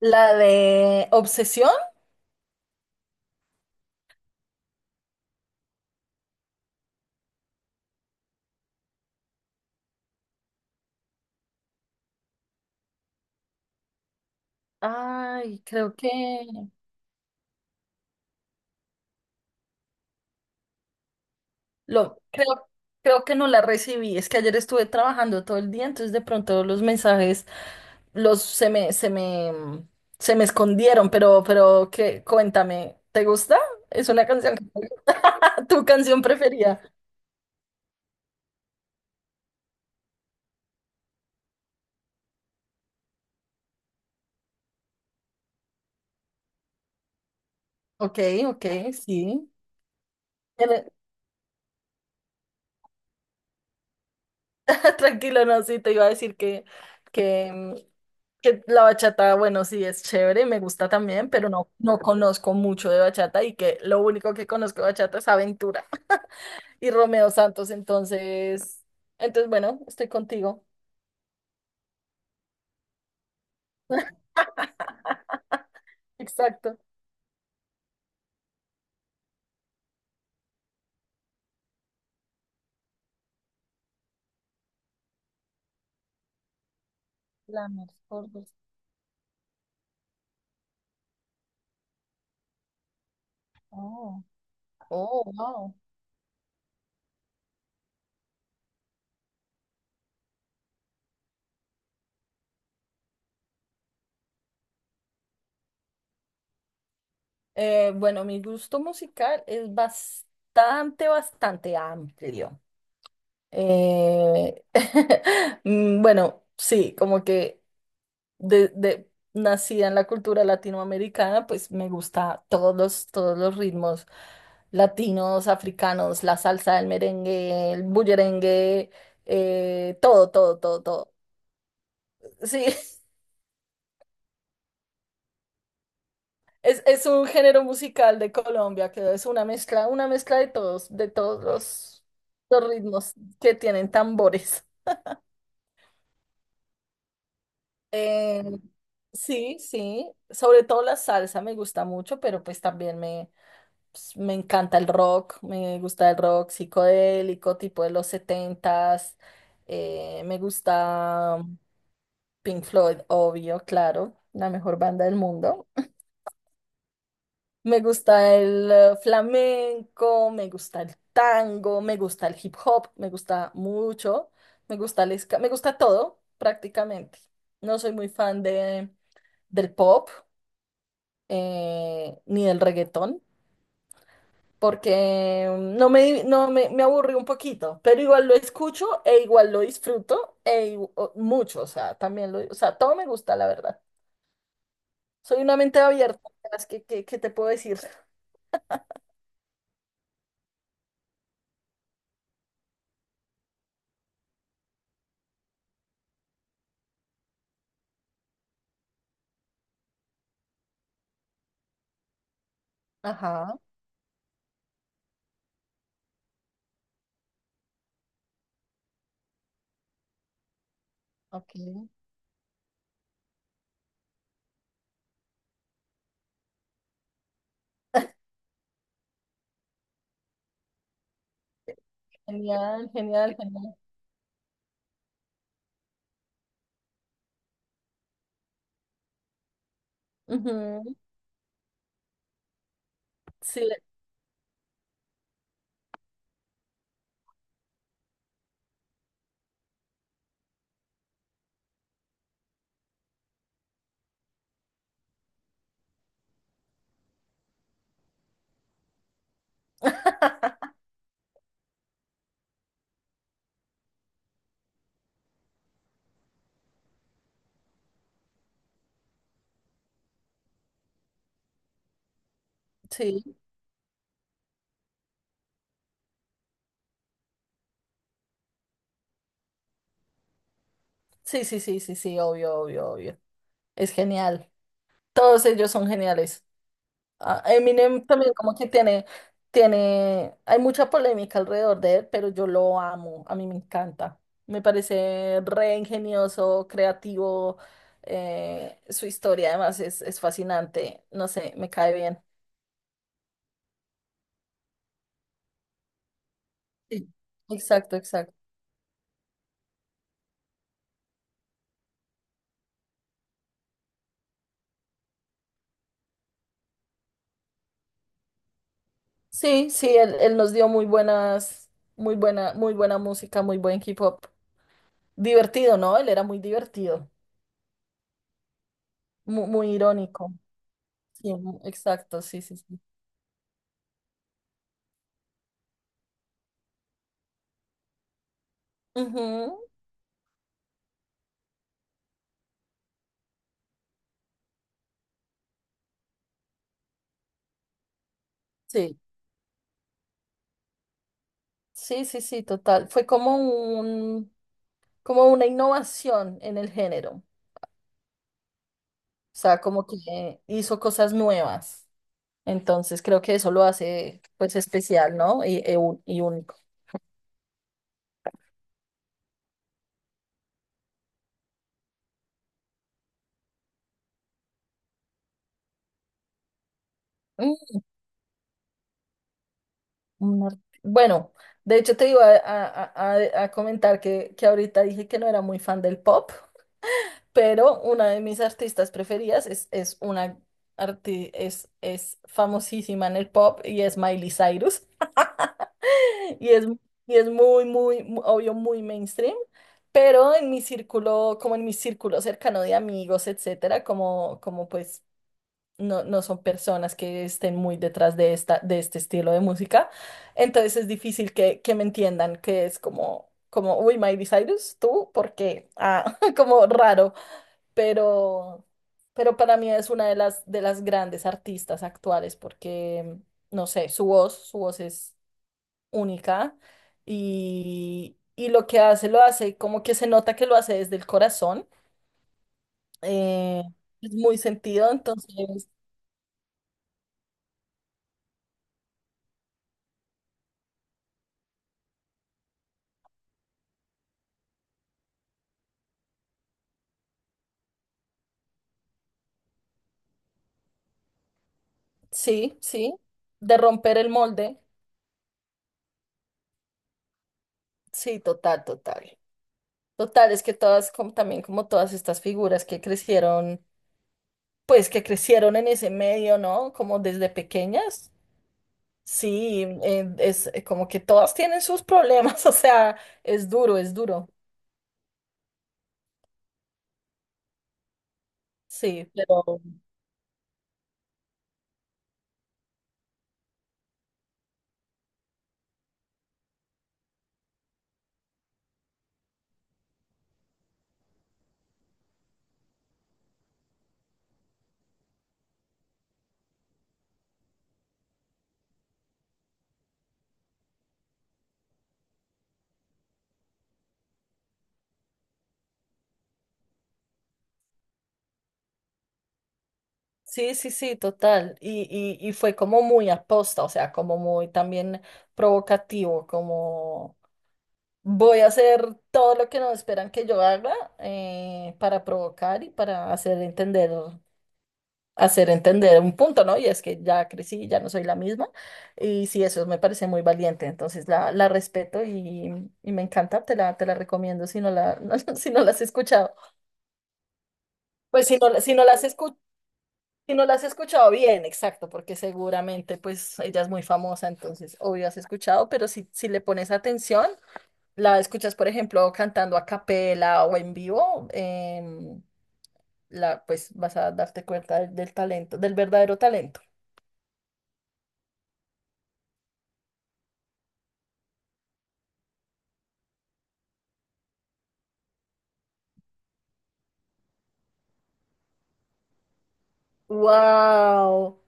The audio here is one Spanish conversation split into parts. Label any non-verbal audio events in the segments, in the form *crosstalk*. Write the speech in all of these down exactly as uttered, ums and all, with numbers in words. La de Obsesión. Ay, creo que lo creo, creo que no la recibí. Es que ayer estuve trabajando todo el día, entonces de pronto los mensajes los se me se me mm, se me escondieron, pero pero que cuéntame, ¿te gusta? ¿Es una canción que te gusta? *laughs* Tu canción preferida. Ok, ok, sí. *laughs* Tranquilo, no, sí, te iba a decir que, que, mm, que la bachata, bueno, sí, es chévere, me gusta también, pero no, no conozco mucho de bachata y que lo único que conozco de bachata es Aventura y Romeo Santos, entonces, entonces, bueno, estoy contigo. Exacto. Lamer, Forbes. Oh. Oh, wow. Eh, bueno, mi gusto musical es bastante, bastante amplio. Eh, *laughs* mm, bueno, sí, como que... de, de- nacida en la cultura latinoamericana, pues me gusta todos los, todos los ritmos latinos, africanos, la salsa, el merengue, el bullerengue, eh, todo, todo, todo, todo. Sí, *laughs* es, es un género musical de Colombia que es una mezcla, una mezcla de todos, de todos los, los ritmos que tienen tambores. Eh, sí, sí, sobre todo la salsa me gusta mucho, pero pues también me, pues, me encanta el rock, me gusta el rock psicodélico, tipo de los setentas. Eh, me gusta Pink Floyd, obvio, claro, la mejor banda del mundo. Me gusta el eh, flamenco, me gusta el tango, me gusta el hip hop, me gusta mucho, me gusta el ska, me gusta todo prácticamente. No soy muy fan de, del pop, eh, ni del reggaetón. Porque mm, no me, no me, me aburrí un poquito, pero igual lo escucho e igual lo disfruto e igu- o- mucho, o sea, también lo, o sea, todo me gusta, la verdad. Soy una mente abierta, ¿sabes? ¿qué, qué, qué te puedo decir? Ajá, ok. Genial, genial, genial. Ujú. Sí, sí, sí, sí, sí, sí, sí, obvio, obvio, obvio. Es genial. Todos ellos son geniales. Ah, Eminem también como que tiene, tiene, hay mucha polémica alrededor de él, pero yo lo amo, a mí me encanta. Me parece re ingenioso, creativo, eh, su historia además es, es fascinante, no sé, me cae bien. Sí. Exacto, exacto. Sí, sí, él, él nos dio muy buenas, muy buena, muy buena música, muy buen hip hop. Divertido, ¿no? Él era muy divertido, mu- muy, irónico. Sí, mu- exacto, sí, sí, sí. Ujú, sí. Sí, sí, sí, total. Fue como un, como una innovación en el género. O sea, como que hizo cosas nuevas. Entonces creo que eso lo hace pues especial, ¿no? Y, e un- y único. Mm, un art- Bueno, de hecho te iba a, a- a- a comentar que, que ahorita dije que no era muy fan del pop, pero una de mis artistas preferidas es, es una arti- es, es famosísima en el pop y es Miley Cyrus. Y es, y es muy, muy, mu- obvio, muy mainstream, pero en mi círculo, como en mi círculo cercano de amigos, etcétera, como, como pues no, no son personas que estén muy detrás de esta, de este estilo de música, entonces es difícil que, que me entiendan que es como, como, uy, Miley Cyrus, tú, porque, ah, *laughs* como raro, pero, pero para mí es una de las, de las grandes artistas actuales porque, no sé, su voz, su voz es única y, y lo que hace lo hace como que se nota que lo hace desde el corazón. eh, es muy sentido, entonces sí, sí, de romper el molde. Sí, total, total. Total, es que todas, como, también como todas estas figuras que crecieron, pues que crecieron en ese medio, ¿no? Como desde pequeñas. Sí, eh, es eh, como que todas tienen sus problemas, *laughs* o sea, es duro, es duro. Sí, pero sí, sí, sí, total. Y, y, y fue como muy aposta, o sea, como muy también provocativo, como voy a hacer todo lo que no esperan que yo haga, eh, para provocar y para hacer entender, hacer entender un punto, ¿no? Y es que ya crecí, ya no soy la misma. Y sí, eso me parece muy valiente. Entonces la, la respeto y, y me encanta, te la, te la recomiendo si no la, *laughs* si no la has escuchado. Pues si no, si no la has escuchado Si no la has escuchado bien, exacto, porque seguramente pues ella es muy famosa, entonces obvio has escuchado, pero si, si le pones atención, la escuchas, por ejemplo, cantando a capela o en vivo, em, la, pues vas a darte cuenta del, del talento, del verdadero talento. Wow.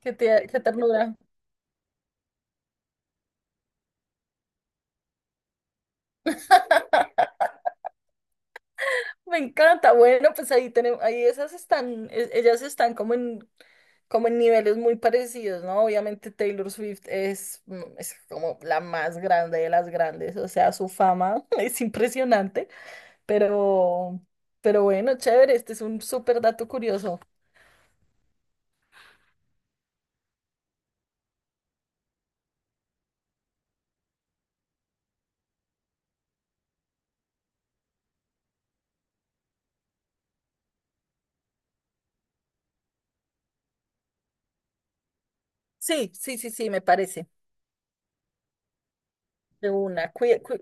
¡Qué, te- qué ternura! Me encanta. Bueno, pues ahí tenemos, ahí esas están, e- ellas están como en, como en niveles muy parecidos, ¿no? Obviamente Taylor Swift es, mm, es como la más grande de las grandes, o sea, su fama *laughs* es impresionante, pero, pero bueno, chévere, este es un súper dato curioso. Sí, sí, sí, sí, me parece. De una. cuida- cu-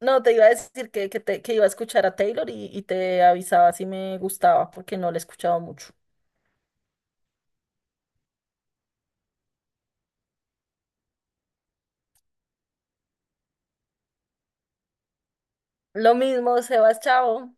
No, te iba a decir que, que, te- que iba a escuchar a Taylor y, y te avisaba si me gustaba, porque no la he escuchado mucho. Lo mismo, Sebas, chao.